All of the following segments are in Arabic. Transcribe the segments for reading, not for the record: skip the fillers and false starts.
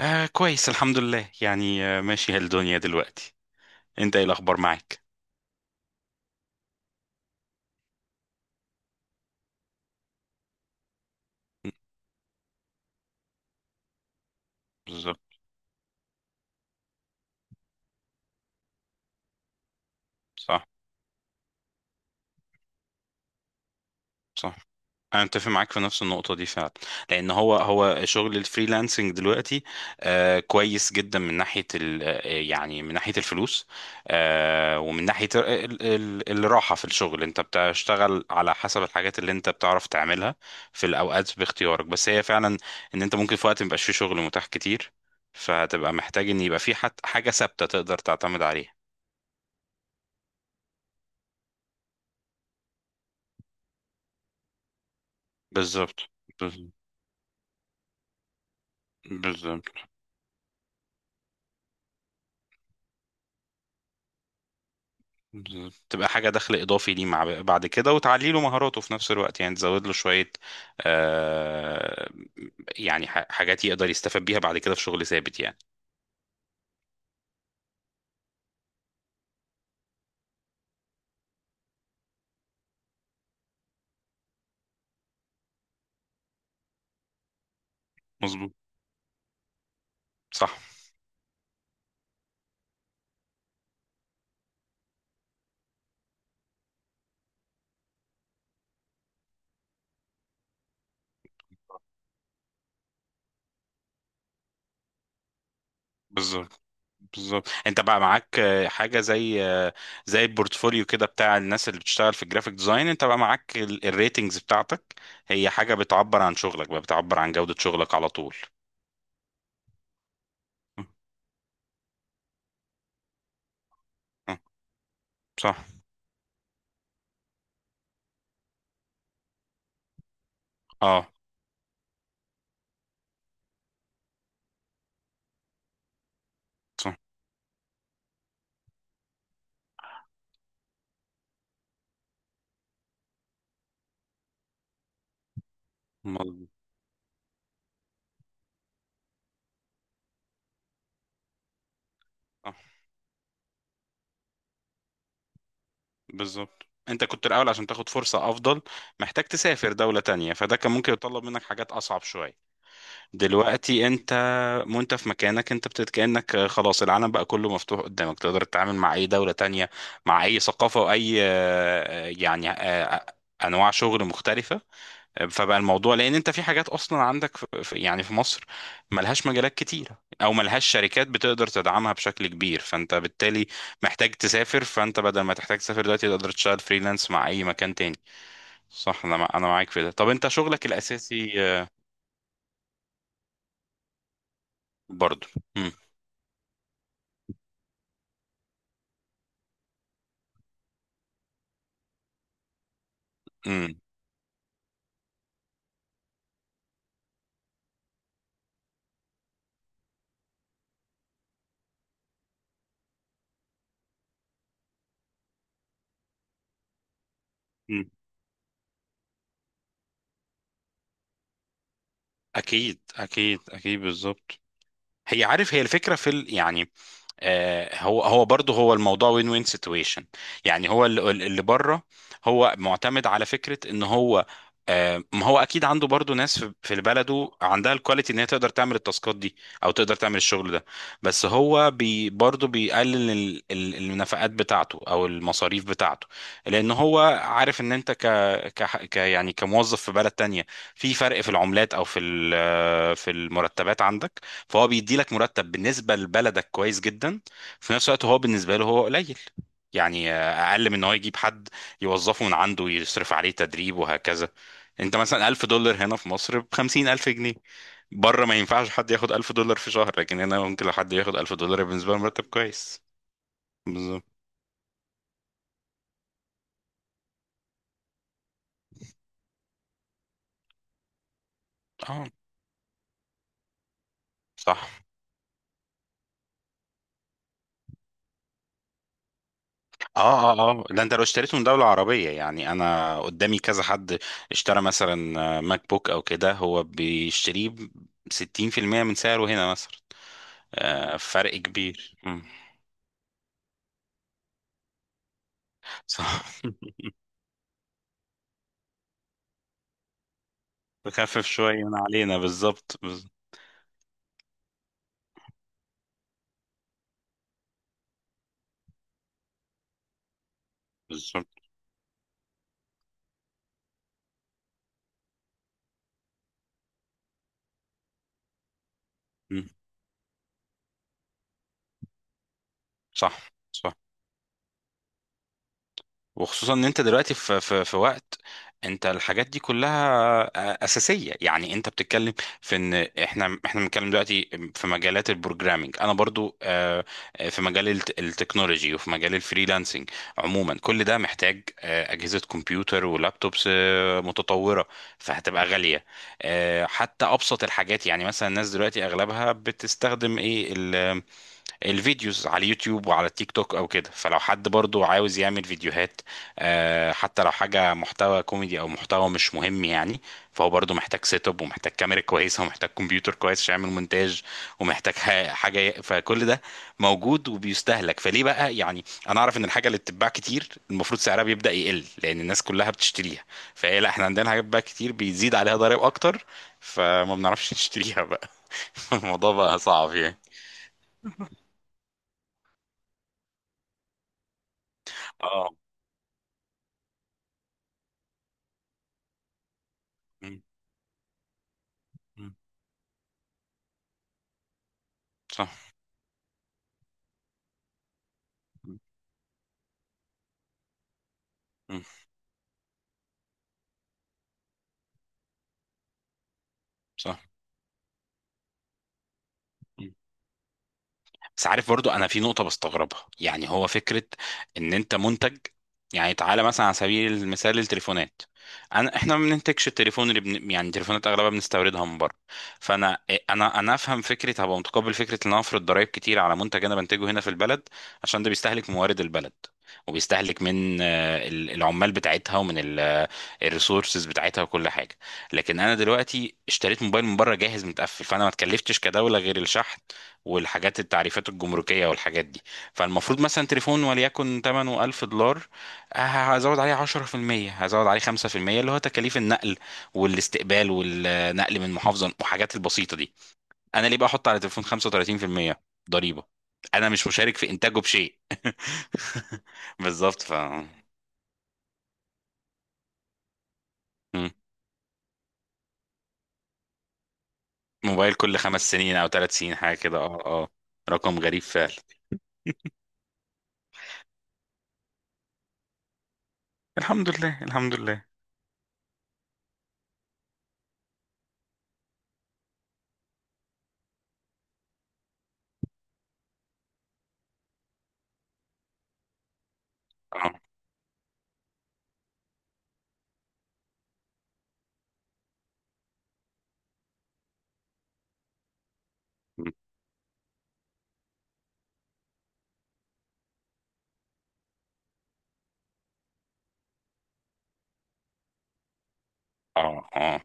آه، كويس الحمد لله، يعني آه، ماشي الدنيا دلوقتي. انت ايه الاخبار معاك؟ بالظبط. صح. صح. انا اتفق معاك في نفس النقطه دي فعلا، لان هو شغل الفريلانسنج دلوقتي آه، كويس جدا من ناحيه ال آه، يعني من ناحيه الفلوس، آه، ومن ناحيه ال الراحه في الشغل. انت بتشتغل على حسب الحاجات اللي انت بتعرف تعملها في الاوقات باختيارك، بس هي فعلا ان انت ممكن في وقت ميبقاش فيه شغل متاح كتير، فهتبقى محتاج ان يبقى في حاجه ثابته تقدر تعتمد عليها. بالظبط. بالظبط. بالظبط. تبقى حاجة دخل إضافي ليه مع بعد كده، وتعلي له مهاراته في نفس الوقت، يعني تزود له شوية آه، يعني حاجات يقدر يستفاد بيها بعد كده في شغل ثابت يعني. مظبوط. صح. بالظبط. بالظبط، انت بقى معاك آه، حاجة زي آه، زي البورتفوليو كده بتاع الناس اللي بتشتغل في الجرافيك ديزاين، انت بقى معاك الريتنجز بتاعتك، هي حاجة بتعبر عن شغلك، بقى بتعبر عن جودة شغلك على طول. م- م- صح. اه. صح. مظبوط. بالظبط، انت كنت الاول عشان تاخد فرصة افضل محتاج تسافر دولة تانية، فده كان ممكن يطلب منك حاجات اصعب شوية. دلوقتي انت وانت في مكانك انت بتت كأنك خلاص العالم بقى كله مفتوح قدامك، تقدر تتعامل مع اي دولة تانية، مع اي ثقافة، واي آه، يعني آه، آه، انواع شغل مختلفة. فبقى الموضوع، لان انت في حاجات اصلا عندك في يعني في مصر ملهاش مجالات كتيره، او ملهاش شركات بتقدر تدعمها بشكل كبير، فانت بالتالي محتاج تسافر، فانت بدل ما تحتاج تسافر دلوقتي تقدر تشتغل فريلانس مع اي مكان تاني. صح. انا معاك في ده. طب انت شغلك الاساسي آه، برضه. مم. مم. مم. اكيد، اكيد، اكيد، بالظبط. هي عارف هي الفكره في ال، يعني آه، هو برضه هو الموضوع وين وين سيتويشن، يعني هو اللي بره هو معتمد على فكره ان هو آه، ما هو اكيد عنده برضه ناس في في بلده عندها الكواليتي ان هي تقدر تعمل التاسكات دي، او تقدر تعمل الشغل ده، بس هو برضه بيقلل النفقات بتاعته او المصاريف بتاعته، لان هو عارف ان انت ك يعني كموظف في بلد تانية، في فرق في العملات، او في آه، في المرتبات عندك، فهو بيدي لك مرتب بالنسبه لبلدك كويس جدا، في نفس الوقت هو بالنسبه له هو قليل، يعني آه، اقل من ان هو يجيب حد يوظفه من عنده يصرف عليه تدريب وهكذا. انت مثلا 1000$ هنا في مصر ب 50000 جنيه. بره ما ينفعش حد ياخد 1000$ في شهر، لكن هنا ممكن لو حد ياخد 1000$ بالنسبه له مرتب كويس. بالظبط. اه صح. اه، اه، اه، ده انت لو اشتريته من دولة عربية، يعني انا قدامي كذا حد اشترى مثلا ماك بوك او كده، هو بيشتريه ب 60% من سعره هنا مثلا. آه، فرق كبير. مم. صح. تخفف شوية من علينا بالظبط بالظبط. مم. صح. صح. وخصوصا ان انت دلوقتي في وقت انت الحاجات دي كلها اساسيه، يعني انت بتتكلم في ان احنا بنتكلم دلوقتي في مجالات البروجرامينج. انا برضو آه، آه، في مجال التكنولوجي، وفي مجال الفريلانسنج عموما، كل ده محتاج آه، اجهزه كمبيوتر ولابتوبس آه، متطوره، فهتبقى غاليه. آه، حتى ابسط الحاجات، يعني مثلا الناس دلوقتي اغلبها بتستخدم ايه؟ الفيديوز على اليوتيوب وعلى التيك توك او كده. فلو حد برضو عاوز يعمل فيديوهات آه، حتى لو حاجة محتوى كوميدي او محتوى مش مهم يعني، فهو برضو محتاج سيت اب، ومحتاج كاميرا كويسة ومحتاج كمبيوتر كويس عشان يعمل مونتاج، ومحتاج فكل ده موجود وبيستهلك. فليه بقى يعني، انا اعرف ان الحاجة اللي بتتباع كتير المفروض سعرها بيبدأ يقل لان الناس كلها بتشتريها، فهي لا، احنا عندنا حاجات بقى كتير بيزيد عليها ضرائب اكتر، فما بنعرفش نشتريها بقى. الموضوع بقى صعب يعني. اه. صح. مم. صح. مم. بس عارف برضو انا في نقطة بستغربها، يعني هو فكرة ان انت منتج. يعني تعالى مثلا على سبيل المثال التليفونات، احنا ما بننتجش التليفون اللي يعني التليفونات اغلبها بنستوردها من بره. فانا إيه، انا انا افهم فكرة هبقى متقبل فكرة ان انا افرض ضرائب كتير على منتج انا بنتجه هنا في البلد، عشان ده بيستهلك موارد البلد، وبيستهلك من آه، العمال بتاعتها، ومن الريسورسز بتاعتها، وكل حاجة. لكن انا دلوقتي اشتريت موبايل من بره جاهز متقفل، فانا ما اتكلفتش كدولة غير الشحن والحاجات التعريفات الجمركية والحاجات دي. فالمفروض مثلا تليفون وليكن ثمنه 1000$، ه- هزود عليه 10%، هزود عليه 5% اللي هو تكاليف النقل والاستقبال والنقل من محافظة وحاجات البسيطة دي، انا ليه بقى احط على تليفون 35% ضريبة انا مش مشارك في انتاجه بشيء؟ بالظبط. ف، مم. موبايل كل 5 سنين او 3 سنين حاجة كده. اه. اه. رقم غريب فعلا. الحمد لله. الحمد لله. اه. اه. اه،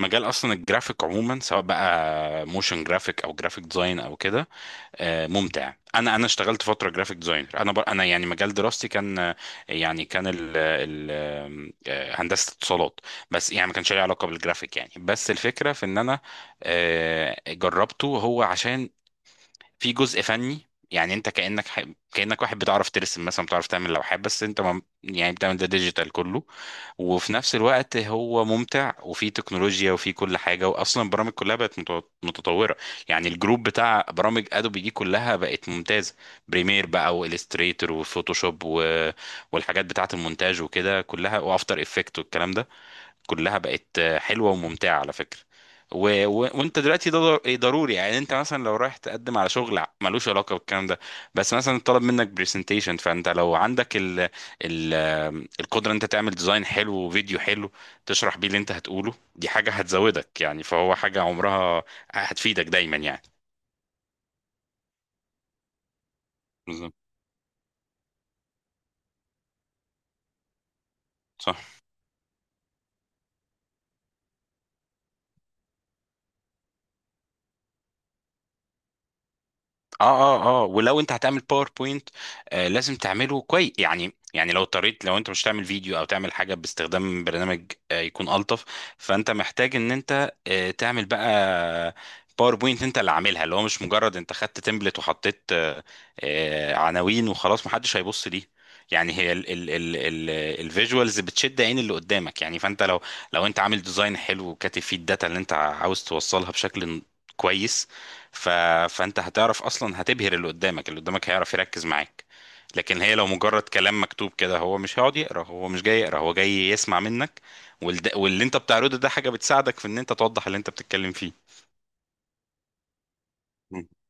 مجال اصلا الجرافيك عموما، سواء بقى موشن جرافيك او جرافيك ديزاين او كده آه، ممتع. انا اشتغلت فتره جرافيك ديزاينر. انا يعني مجال دراستي كان آه، يعني كان آه، هندسه اتصالات، بس يعني ما كانش ليه علاقه بالجرافيك يعني، بس الفكره في ان انا آه، جربته هو عشان في جزء فني، يعني انت كانك واحد بتعرف ترسم مثلا، بتعرف تعمل لوحات، بس انت ما... يعني بتعمل ده ديجيتال كله. وفي نفس الوقت هو ممتع، وفي تكنولوجيا، وفي كل حاجه، واصلا البرامج كلها بقت متطوره. يعني الجروب بتاع برامج ادوبي دي كلها بقت ممتازه، بريمير بقى والستريتور وفوتوشوب و، والحاجات بتاعه المونتاج وكده كلها، وافتر افكت والكلام ده، كلها بقت حلوه وممتعه على فكره. وانت دلوقتي ده ضروري، يعني انت مثلا لو رايح تقدم على شغل ملوش علاقه بالكلام ده، بس مثلا طلب منك برزنتيشن، فانت لو عندك ال... القدره ان انت تعمل ديزاين حلو وفيديو حلو تشرح بيه اللي انت هتقوله، دي حاجه هتزودك يعني، فهو حاجه عمرها هتفيدك دايما يعني. بالظبط. صح. اه. اه. اه، ولو انت هتعمل باوربوينت آه، لازم تعمله كويس يعني. يعني لو اضطريت، لو انت مش تعمل فيديو او تعمل حاجه باستخدام برنامج آه يكون الطف، فانت محتاج ان انت آه، تعمل بقى باوربوينت انت اللي عاملها، اللي هو مش مجرد انت خدت تمبلت وحطيت آه، آه، عناوين وخلاص محدش هيبص ليه. يعني هي ال ال ال ال الفيجوالز بتشد عين اللي قدامك يعني، فانت لو، لو انت عامل ديزاين حلو وكاتب فيه الداتا اللي انت عاوز توصلها بشكل كويس، ف... فانت هتعرف اصلا هتبهر اللي قدامك، اللي قدامك هيعرف يركز معاك. لكن هي لو مجرد كلام مكتوب كده، هو مش هيقعد يقرا، هو مش جاي يقرا، هو جاي يسمع منك، واللي انت بتعرضه ده حاجة بتساعدك في ان انت توضح اللي انت بتتكلم فيه. مم.